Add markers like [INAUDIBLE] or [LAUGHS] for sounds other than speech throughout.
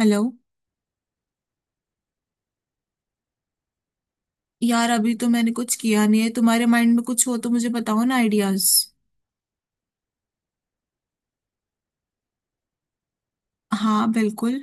Hello. यार अभी तो मैंने कुछ किया नहीं है, तुम्हारे माइंड में कुछ हो तो मुझे बताओ ना, आइडियाज। हाँ बिल्कुल।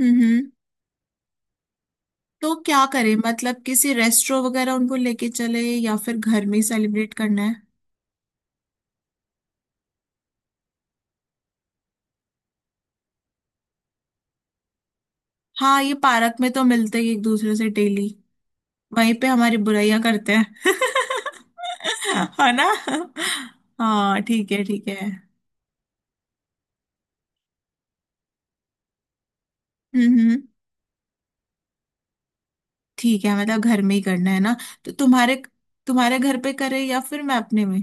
हम्म हम्म। तो क्या करें, मतलब किसी रेस्टोरेंट वगैरह उनको लेके चले या फिर घर में ही सेलिब्रेट करना है। हाँ, ये पार्क में तो मिलते ही एक दूसरे से डेली। वहीं पे हमारी बुराइयां करते हैं। [LAUGHS] है ना। हाँ ठीक है ठीक है। हम्म। ठीक है, मतलब घर में ही करना है ना, तो तुम्हारे तुम्हारे घर पे करे या फिर मैं अपने में।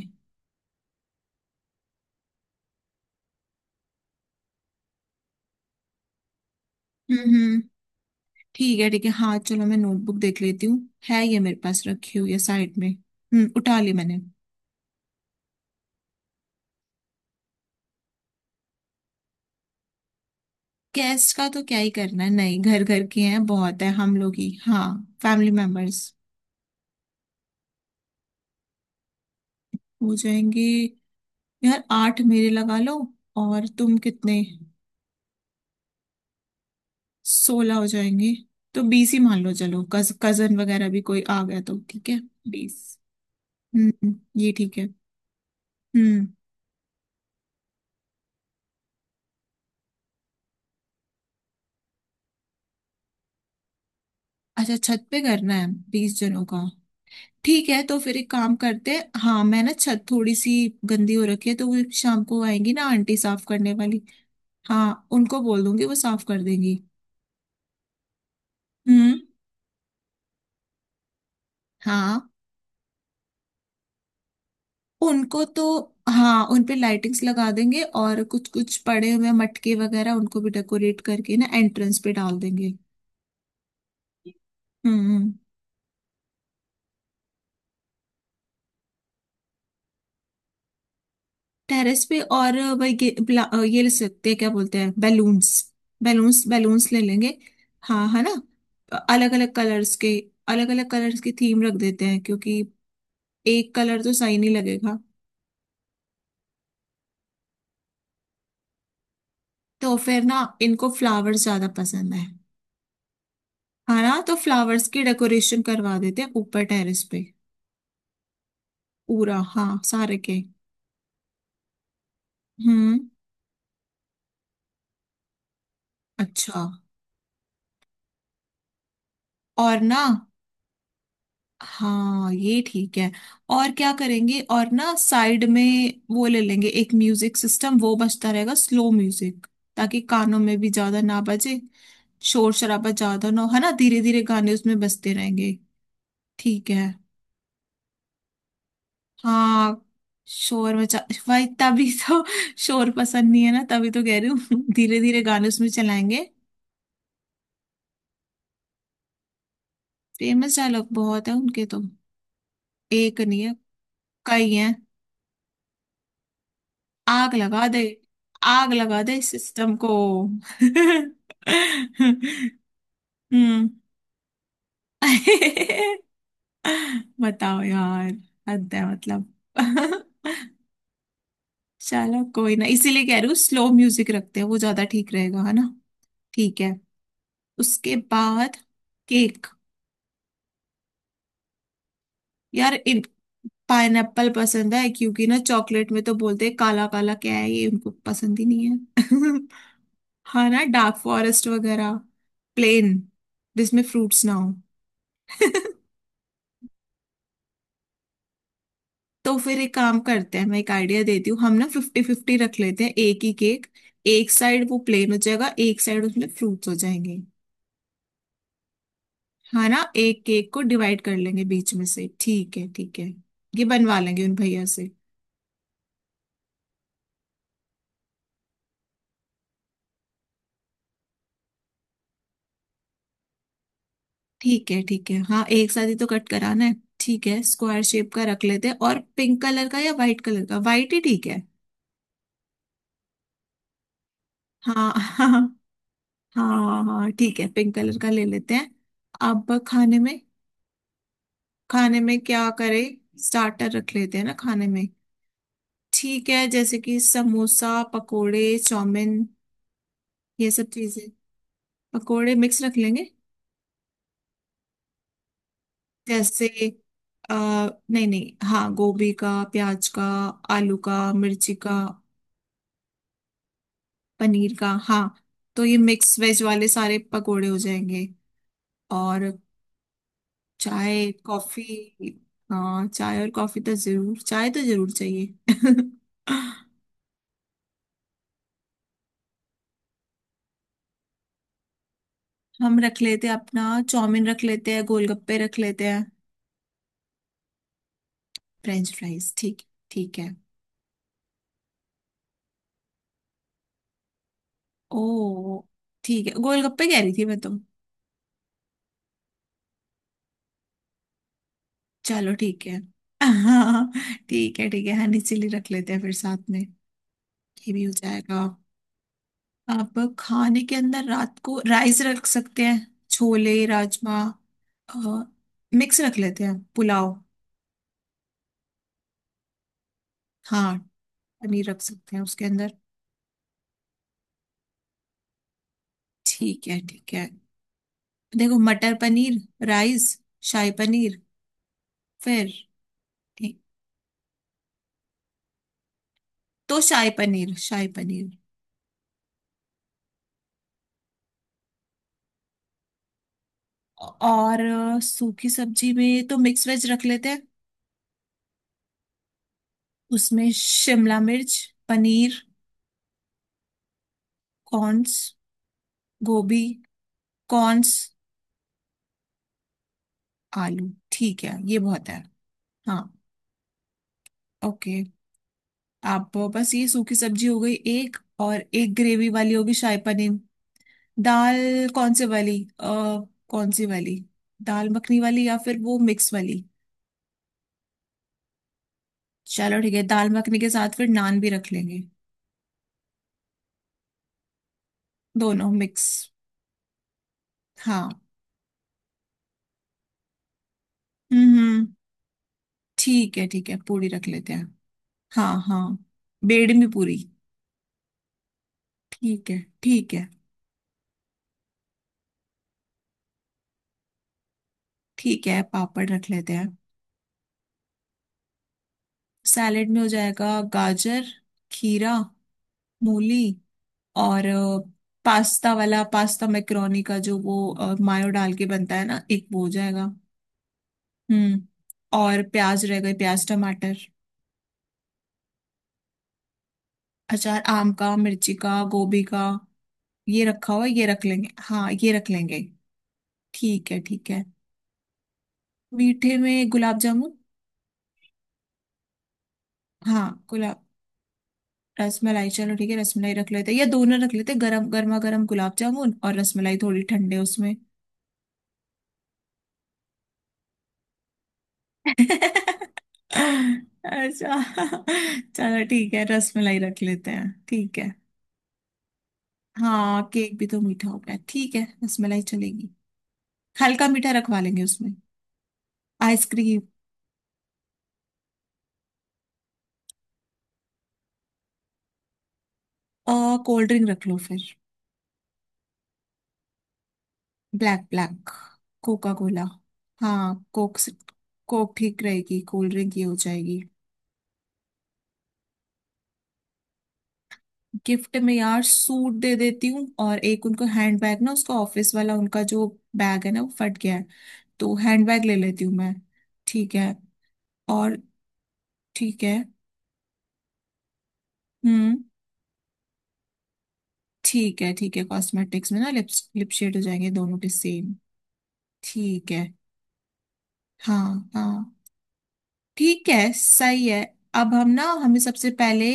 हम्म हम्म। ठीक है ठीक है, हाँ चलो मैं नोटबुक देख लेती हूँ, है ये मेरे पास रखी हुई है साइड में, उठा ली मैंने। गेस्ट का तो क्या ही करना है, नहीं, घर घर के हैं, बहुत है हम लोग ही, हाँ फैमिली मेंबर्स। हो जाएंगे, यार आठ मेरे लगा लो। और तुम कितने। 16 हो जाएंगे। तो 20 ही मान लो, चलो कजन वगैरह भी कोई आ गया तो ठीक है। 20। हम्म, ये ठीक है। हम्म। अच्छा, छत पे करना है 20 जनों का। ठीक है, तो फिर एक काम करते हैं, हाँ मैं ना छत थोड़ी सी गंदी हो रखी है, तो वो शाम को आएंगी ना आंटी साफ करने वाली। हाँ उनको बोल दूंगी वो साफ कर देंगी। हम्म। हाँ उनको तो, हाँ उन पे लाइटिंग्स लगा देंगे और कुछ कुछ पड़े हुए मटके वगैरह उनको भी डेकोरेट करके ना एंट्रेंस पे डाल देंगे। हम्म हम्म। टेरेस पे और वही ये ले सकते हैं, क्या बोलते हैं, बैलून्स। बैलून्स ले लेंगे। हाँ है ना, अलग अलग कलर्स के। अलग अलग कलर्स की थीम रख देते हैं, क्योंकि एक कलर तो सही नहीं लगेगा। तो फिर ना इनको फ्लावर्स ज्यादा पसंद है। हाँ ना, तो फ्लावर्स की डेकोरेशन करवा देते हैं ऊपर टेरेस पे। पूरा हाँ सारे के। हम्म। अच्छा। और ना, हाँ ये ठीक है। और क्या करेंगे, और ना साइड में वो ले लेंगे एक म्यूजिक सिस्टम, वो बजता रहेगा स्लो म्यूजिक, ताकि कानों में भी ज्यादा ना बजे, शोर शराबा ज्यादा ना हो, है ना, धीरे धीरे गाने उसमें बजते रहेंगे। ठीक है। हाँ। शोर मचा, भाई तभी तो [LAUGHS] शोर पसंद नहीं है ना, तभी तो कह रही हूँ [LAUGHS] धीरे धीरे गाने उसमें चलाएंगे। फेमस डायलॉग बहुत है उनके तो, एक नहीं है, कई हैं। आग लगा दे, आग लगा दे इस सिस्टम को। [LAUGHS] हम्म। [LAUGHS] बताओ यार, हद है मतलब। [LAUGHS] चलो कोई ना, इसीलिए कह रही हूँ स्लो म्यूजिक रखते हैं, वो ज्यादा ठीक रहेगा है ना। ठीक है। उसके बाद केक। यार इन पाइनएप्पल पसंद है, क्योंकि ना चॉकलेट में तो बोलते हैं काला काला क्या है ये, उनको पसंद ही नहीं है। [LAUGHS] हाँ ना, डार्क फॉरेस्ट वगैरह। प्लेन, जिसमें फ्रूट्स ना हो। [LAUGHS] तो फिर एक काम करते हैं, मैं एक आइडिया देती हूँ, हम ना फिफ्टी फिफ्टी रख लेते हैं, एक ही केक। एक साइड वो प्लेन हो जाएगा, एक साइड उसमें फ्रूट्स हो जाएंगे। हाँ ना, एक केक को डिवाइड कर लेंगे बीच में से, ठीक है ठीक है। ये बनवा लेंगे उन भैया से। ठीक है ठीक है, हाँ एक साथ ही तो कट कराना है। ठीक है, स्क्वायर शेप का रख लेते हैं, और पिंक कलर का या वाइट कलर का, वाइट ही ठीक है। हाँ। [LAUGHS] हाँ हाँ, ठीक है पिंक कलर का ले लेते हैं। अब खाने में, खाने में क्या करें, स्टार्टर रख लेते हैं ना खाने में। ठीक है, जैसे कि समोसा पकोड़े, चाउमीन, ये सब चीजें। पकोड़े मिक्स रख लेंगे। जैसे आ, नहीं नहीं, हाँ गोभी का, प्याज का, आलू का, मिर्ची का। पनीर का, हाँ। तो ये मिक्स वेज वाले सारे पकोड़े हो जाएंगे। और चाय कॉफी, हाँ चाय और कॉफी तो जरूर, चाय तो जरूर चाहिए। [LAUGHS] हम रख लेते हैं अपना, चाउमीन रख लेते हैं, गोलगप्पे रख लेते हैं। फ्रेंच फ्राइज ठीक। ठीक है। ओ, ठीक है, गोलगप्पे कह रही थी मैं तो। चलो ठीक है। [LAUGHS] हाँ ठीक है ठीक है, हनी चिली रख लेते हैं फिर साथ में। ये भी हो जाएगा। अब खाने के अंदर रात को राइस रख सकते हैं, छोले राजमा। मिक्स रख लेते हैं पुलाव। हाँ, पनीर रख सकते हैं उसके अंदर। ठीक है ठीक है। देखो मटर पनीर राइस, शाही पनीर। फिर, ठीक, तो शाही पनीर, शाही पनीर। और सूखी सब्जी में तो मिक्स वेज रख लेते हैं। उसमें शिमला मिर्च, पनीर, कॉर्न्स, गोभी, कॉर्न्स, आलू ठीक है, ये बहुत है। हाँ। ओके। आप बस, ये सूखी सब्जी हो गई, एक और एक ग्रेवी वाली होगी शाही पनीर, दाल। कौन सी वाली अ, कौन सी वाली, दाल मखनी वाली या फिर वो मिक्स वाली। चलो ठीक है, दाल मखनी के साथ फिर नान भी रख लेंगे। दोनों मिक्स, हाँ। हम्म हम्म, ठीक है पूरी रख लेते हैं। हाँ हाँ, बेड़मी पूरी। ठीक है ठीक है। ठीक है पापड़ रख लेते हैं। सैलेड में हो जाएगा गाजर, खीरा, मूली, और पास्ता वाला, पास्ता मैक्रोनी का जो वो मायो डाल के बनता है ना, एक वो हो जाएगा। हम्म। और प्याज रह गए, प्याज टमाटर। अचार आम का, मिर्ची का, गोभी का, ये रखा हुआ है, ये रख लेंगे, हाँ ये रख लेंगे। ठीक है ठीक है। मीठे में गुलाब जामुन। हाँ गुलाब, रसमलाई चलो ठीक है, रसमलाई रख लेते हैं, या दोनों रख लेते हैं, गरम गर्मा गर्म गुलाब जामुन और रसमलाई थोड़ी ठंडे उसमें। अच्छा, चलो ठीक है रसमलाई रख लेते हैं, ठीक है। हाँ केक भी तो मीठा हो गया, ठीक है रसमलाई चलेगी। हल्का मीठा रखवा लेंगे उसमें। आइसक्रीम और कोल्ड ड्रिंक रख लो फिर। Black black, coca cola. हाँ कोक ठीक रहेगी, कोल्ड ड्रिंक ये हो जाएगी। गिफ्ट में यार सूट दे देती हूँ, और एक उनको हैंड बैग, ना उसका ऑफिस वाला उनका जो बैग है ना वो फट गया है, तो हैंड बैग ले लेती हूँ मैं। ठीक है। और, ठीक है। हम्म। ठीक है ठीक है, कॉस्मेटिक्स में ना लिप्स लिप शेड हो जाएंगे दोनों के सेम। ठीक है। हाँ हाँ। ठीक है सही है। अब हम ना, हमें सबसे पहले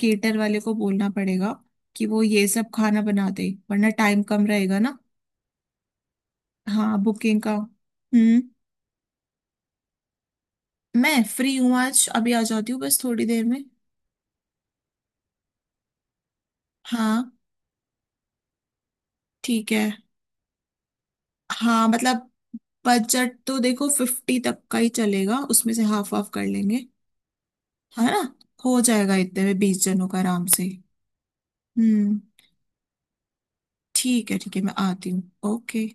केटर वाले को बोलना पड़ेगा, कि वो ये सब खाना बना दे वरना टाइम कम रहेगा ना। हाँ बुकिंग का, हम्म। मैं फ्री हूँ आज, अभी आ जाती हूँ बस थोड़ी देर में। हाँ। ठीक है, हाँ मतलब बजट तो देखो 50 तक का ही चलेगा, उसमें से हाफ हाफ कर लेंगे। है ना, हो जाएगा इतने में 20 जनों का आराम से। हम्म। ठीक है ठीक है, मैं आती हूँ। ओके।